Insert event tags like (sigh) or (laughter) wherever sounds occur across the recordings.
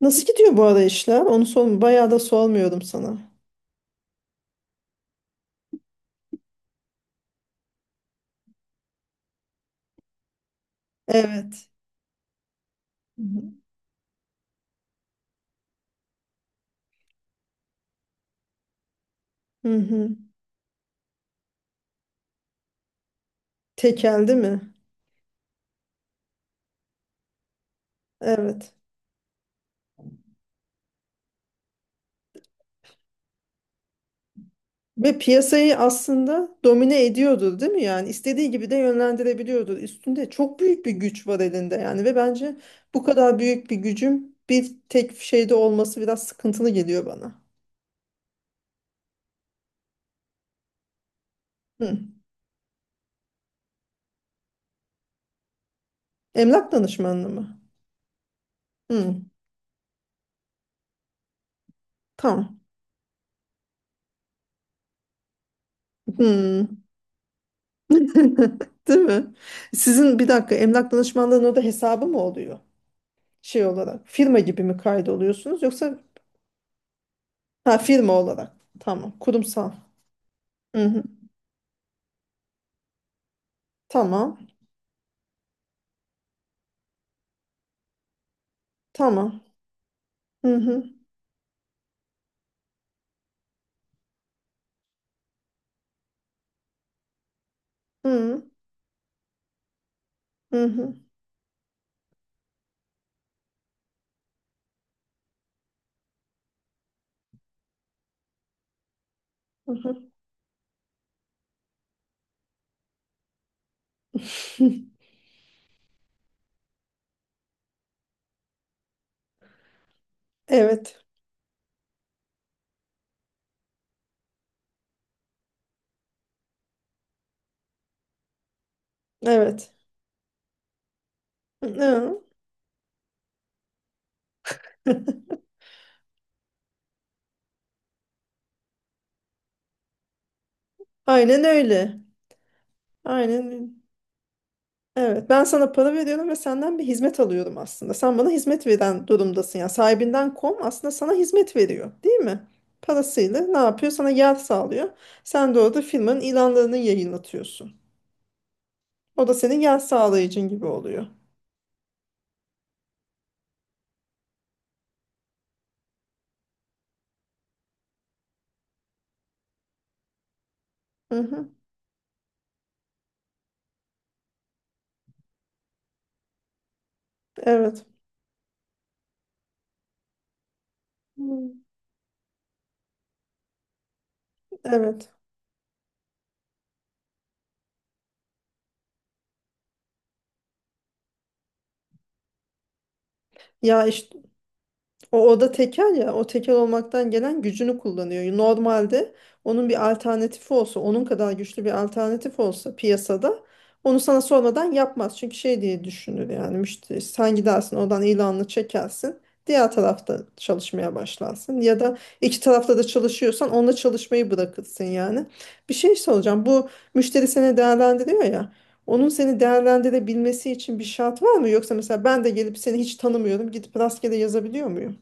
Nasıl gidiyor bu arada işler? Onu bayağı da sormuyordum sana. Evet. Hı hı. Hı hı. Tekeldi mi? Evet. Ve piyasayı aslında domine ediyordur, değil mi? Yani istediği gibi de yönlendirebiliyordur. Üstünde çok büyük bir güç var elinde yani ve bence bu kadar büyük bir gücün bir tek şeyde olması biraz sıkıntılı geliyor bana. Hı. Emlak danışmanlığı mı? Hı. Tamam. Hı. (laughs) Değil mi? Sizin bir dakika emlak danışmanlığının orada hesabı mı oluyor? Şey olarak firma gibi mi kaydoluyorsunuz yoksa ha firma olarak, tamam kurumsal. Hı hı. Tamam, tamam. Hı hı. Hı hı. Hı hı. Hı. (laughs) Evet, evet. Hı. (laughs) Aynen öyle, aynen öyle. Evet, ben sana para veriyorum ve senden bir hizmet alıyorum, aslında sen bana hizmet veren durumdasın, yani sahibinden kom aslında sana hizmet veriyor değil mi? Parasıyla ne yapıyor, sana yer sağlıyor, sen de orada firmanın ilanlarını yayınlatıyorsun. O da senin yan sağlayıcın gibi oluyor. Hı hı. Evet. Hmm. Evet. Ya işte, o oda tekel ya, o tekel olmaktan gelen gücünü kullanıyor. Normalde onun bir alternatifi olsa, onun kadar güçlü bir alternatif olsa piyasada, onu sana sormadan yapmaz. Çünkü şey diye düşünür yani müşteri, sen gidersin oradan ilanını çekersin, diğer tarafta çalışmaya başlarsın ya da iki tarafta da çalışıyorsan onunla çalışmayı bırakırsın yani. Bir şey soracağım, bu müşteri seni değerlendiriyor ya, onun seni değerlendirebilmesi için bir şart var mı? Yoksa mesela ben de gelip seni hiç tanımıyorum, gidip rastgele yazabiliyor muyum?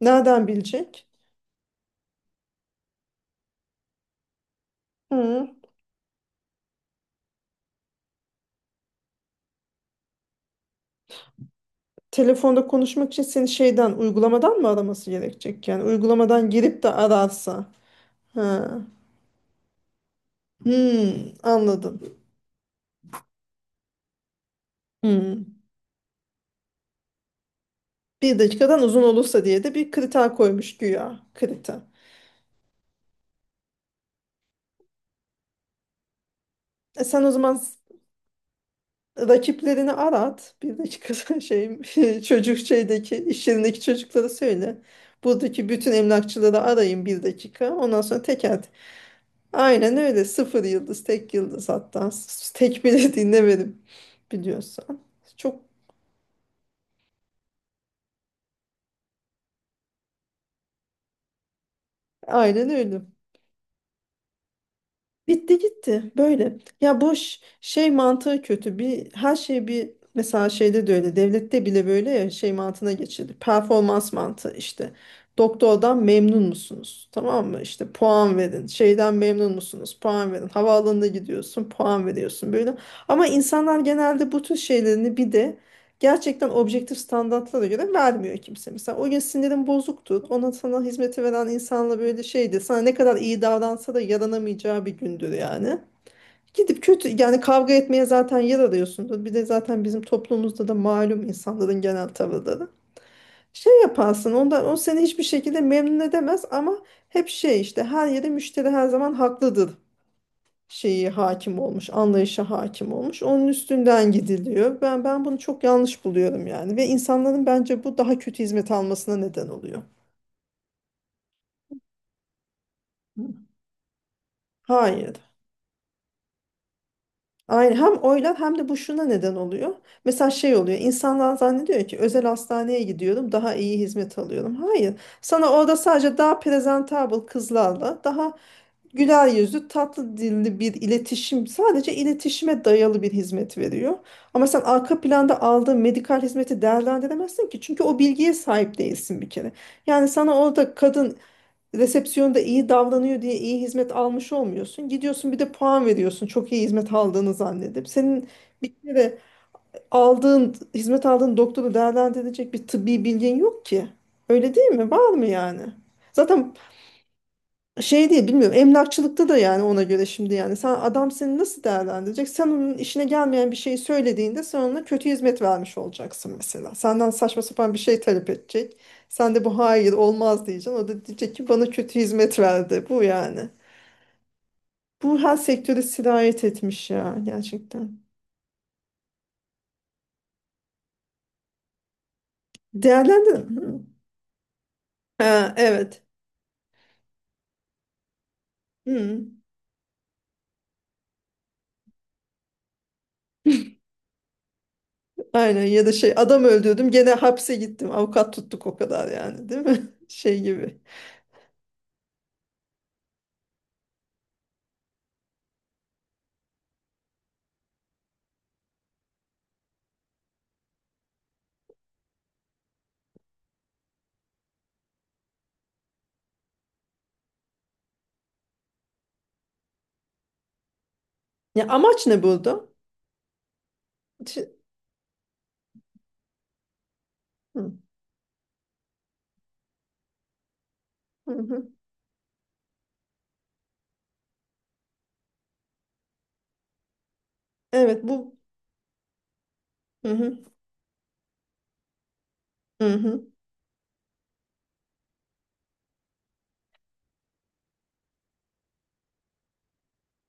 Nereden bilecek? Hı. Telefonda konuşmak için seni şeyden, uygulamadan mı araması gerekecek? Yani uygulamadan girip de ararsa. Ha. Hmm, anladım. Hmm. Bir dakikadan uzun olursa diye de bir kriter koymuş güya. Kriter. E sen o zaman rakiplerini arat. Bir dakikadan (laughs) şey, (laughs) çocuk şeydeki, iş yerindeki çocuklara söyle. Buradaki bütün emlakçıları arayın bir dakika. Ondan sonra teker. Aynen öyle. Sıfır yıldız, tek yıldız hatta. Tek bile (laughs) dinlemedim biliyorsan. Çok aynen öyle. Bitti gitti böyle. Ya boş şey mantığı kötü. Bir her şey bir mesela şeyde de öyle. Devlette bile böyle ya şey mantığına geçildi. Performans mantığı işte. Doktordan memnun musunuz? Tamam mı? İşte puan verin. Şeyden memnun musunuz? Puan verin. Havaalanına gidiyorsun, puan veriyorsun böyle. Ama insanlar genelde bu tür şeylerini bir de gerçekten objektif standartlara göre vermiyor kimse. Mesela o gün sinirin bozuktur. Ona sana hizmeti veren insanla böyle şeydi. Sana ne kadar iyi davransa da yaranamayacağı bir gündür yani. Gidip kötü yani kavga etmeye zaten yer arıyorsundur. Bir de zaten bizim toplumumuzda da malum insanların genel tavırları. Şey yaparsın ondan, o seni hiçbir şekilde memnun edemez, ama hep şey işte, her yerde müşteri her zaman haklıdır şeyi hakim olmuş, anlayışa hakim olmuş. Onun üstünden gidiliyor. Ben bunu çok yanlış buluyorum yani ve insanların bence bu daha kötü hizmet almasına neden oluyor. Hayır. Aynen, hem oylar hem de bu şuna neden oluyor. Mesela şey oluyor, insanlar zannediyor ki özel hastaneye gidiyorum daha iyi hizmet alıyorum. Hayır, sana orada sadece daha presentable kızlarla, daha güler yüzlü tatlı dilli bir iletişim, sadece iletişime dayalı bir hizmet veriyor. Ama sen arka planda aldığın medikal hizmeti değerlendiremezsin ki, çünkü o bilgiye sahip değilsin bir kere. Yani sana orada kadın resepsiyonda iyi davranıyor diye iyi hizmet almış olmuyorsun. Gidiyorsun bir de puan veriyorsun. Çok iyi hizmet aldığını zannedip. Senin bir kere aldığın, hizmet aldığın doktoru değerlendirecek bir tıbbi bilgin yok ki. Öyle değil mi? Var mı yani? Zaten şey değil bilmiyorum, emlakçılıkta da yani ona göre şimdi, yani sen, adam seni nasıl değerlendirecek, sen onun işine gelmeyen bir şeyi söylediğinde sen ona kötü hizmet vermiş olacaksın. Mesela senden saçma sapan bir şey talep edecek, sen de bu hayır olmaz diyeceksin, o da diyecek ki bana kötü hizmet verdi bu yani. Bu her sektöre sirayet etmiş ya, gerçekten. Değerlendirin. Hı. Ha, evet. Hı. Aynen, ya da şey, adam öldürdüm gene hapse gittim avukat tuttuk o kadar yani değil mi (laughs) şey gibi. Ya amaç ne burada? Hı, hı, hı. Evet bu, hı hı, hı hı.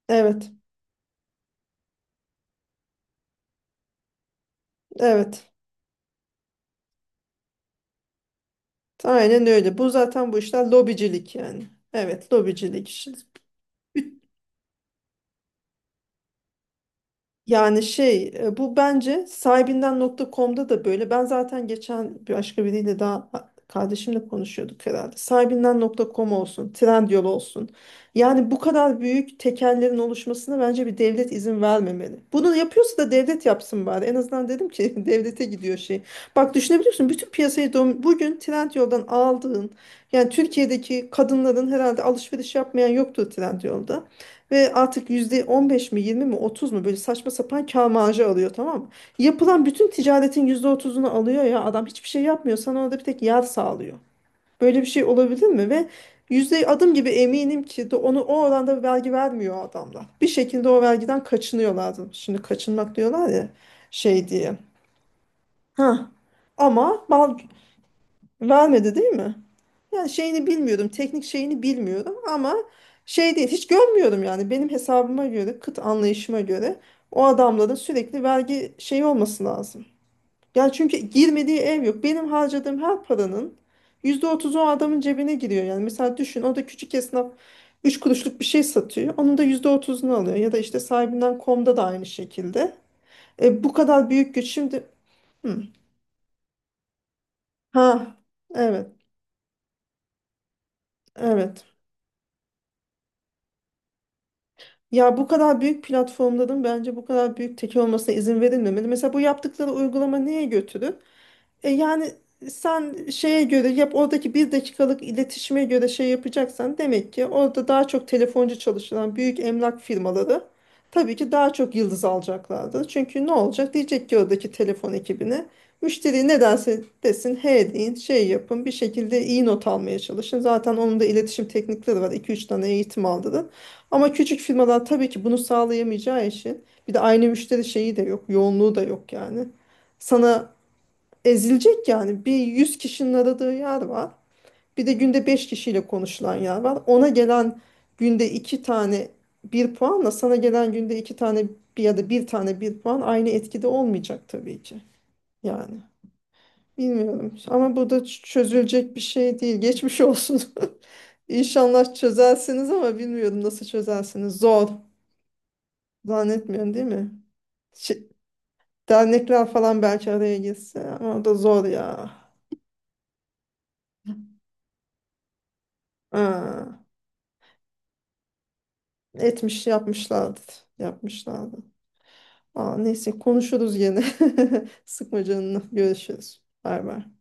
Evet, evet, aynen öyle. Bu zaten bu işler lobicilik yani, evet lobicilik işte. Yani şey e, bu bence sahibinden.com'da da böyle. Ben zaten geçen bir başka biriyle daha, kardeşimle konuşuyorduk herhalde. Sahibinden.com olsun, Trendyol olsun. Yani bu kadar büyük tekellerin oluşmasına bence bir devlet izin vermemeli. Bunu yapıyorsa da devlet yapsın bari. En azından dedim ki, (laughs) devlete gidiyor şey. Bak düşünebiliyorsun, bütün piyasayı bugün Trendyol'dan aldığın, yani Türkiye'deki kadınların herhalde alışveriş yapmayan yoktur Trendyol'da. Ve artık %15 mi, 20 mi, 30 mu, böyle saçma sapan kâr marjı alıyor tamam mı? Yapılan bütün ticaretin %30'unu alıyor ya, adam hiçbir şey yapmıyor, sana orada bir tek yar sağlıyor. Böyle bir şey olabilir mi? Ve yüzde adım gibi eminim ki de onu o oranda vergi vermiyor adamlar. Bir şekilde o vergiden kaçınıyorlardı. Şimdi kaçınmak diyorlar ya şey diye. Ha. Ama mal vermedi değil mi? Yani şeyini bilmiyorum, teknik şeyini bilmiyorum, ama şey değil, hiç görmüyorum yani benim hesabıma göre, kıt anlayışıma göre o adamların sürekli vergi şeyi olması lazım. Yani çünkü girmediği ev yok. Benim harcadığım her paranın %30 o adamın cebine giriyor. Yani mesela düşün, o da küçük esnaf 3 kuruşluk bir şey satıyor. Onun da %30'unu alıyor. Ya da işte sahibinden komda da aynı şekilde. E, bu kadar büyük güç şimdi... Hı. Ha, evet, evet. Ya bu kadar büyük platformların bence bu kadar büyük tekel olmasına izin verilmemeli. Mesela bu yaptıkları uygulama neye götürür? E yani sen şeye göre yap, oradaki bir dakikalık iletişime göre şey yapacaksan, demek ki orada daha çok telefoncu çalışılan büyük emlak firmaları tabii ki daha çok yıldız alacaklardır. Çünkü ne olacak? Diyecek ki oradaki telefon ekibine, müşteri ne derse desin he deyin, şey yapın, bir şekilde iyi not almaya çalışın. Zaten onun da iletişim teknikleri var, iki üç tane eğitim aldı. Ama küçük firmalar tabii ki bunu sağlayamayacağı için, bir de aynı müşteri şeyi de yok, yoğunluğu da yok yani. Sana, ezilecek yani. Bir 100 kişinin aradığı yer var. Bir de günde 5 kişiyle konuşulan yer var. Ona gelen günde 2 tane bir puanla, sana gelen günde 2 tane bir ya da bir tane bir puan aynı etkide olmayacak tabii ki. Yani bilmiyorum ama bu da çözülecek bir şey değil. Geçmiş olsun. (laughs) İnşallah çözersiniz ama bilmiyorum nasıl çözersiniz. Zor. Zannetmiyorum değil mi? Şey- Dernekler falan belki araya girse ama o da zor ya. Ha. Etmiş yapmışlardı. Yapmışlardı. Aa, neyse konuşuruz yine. (laughs) Sıkma canını. Görüşürüz. Bay bay.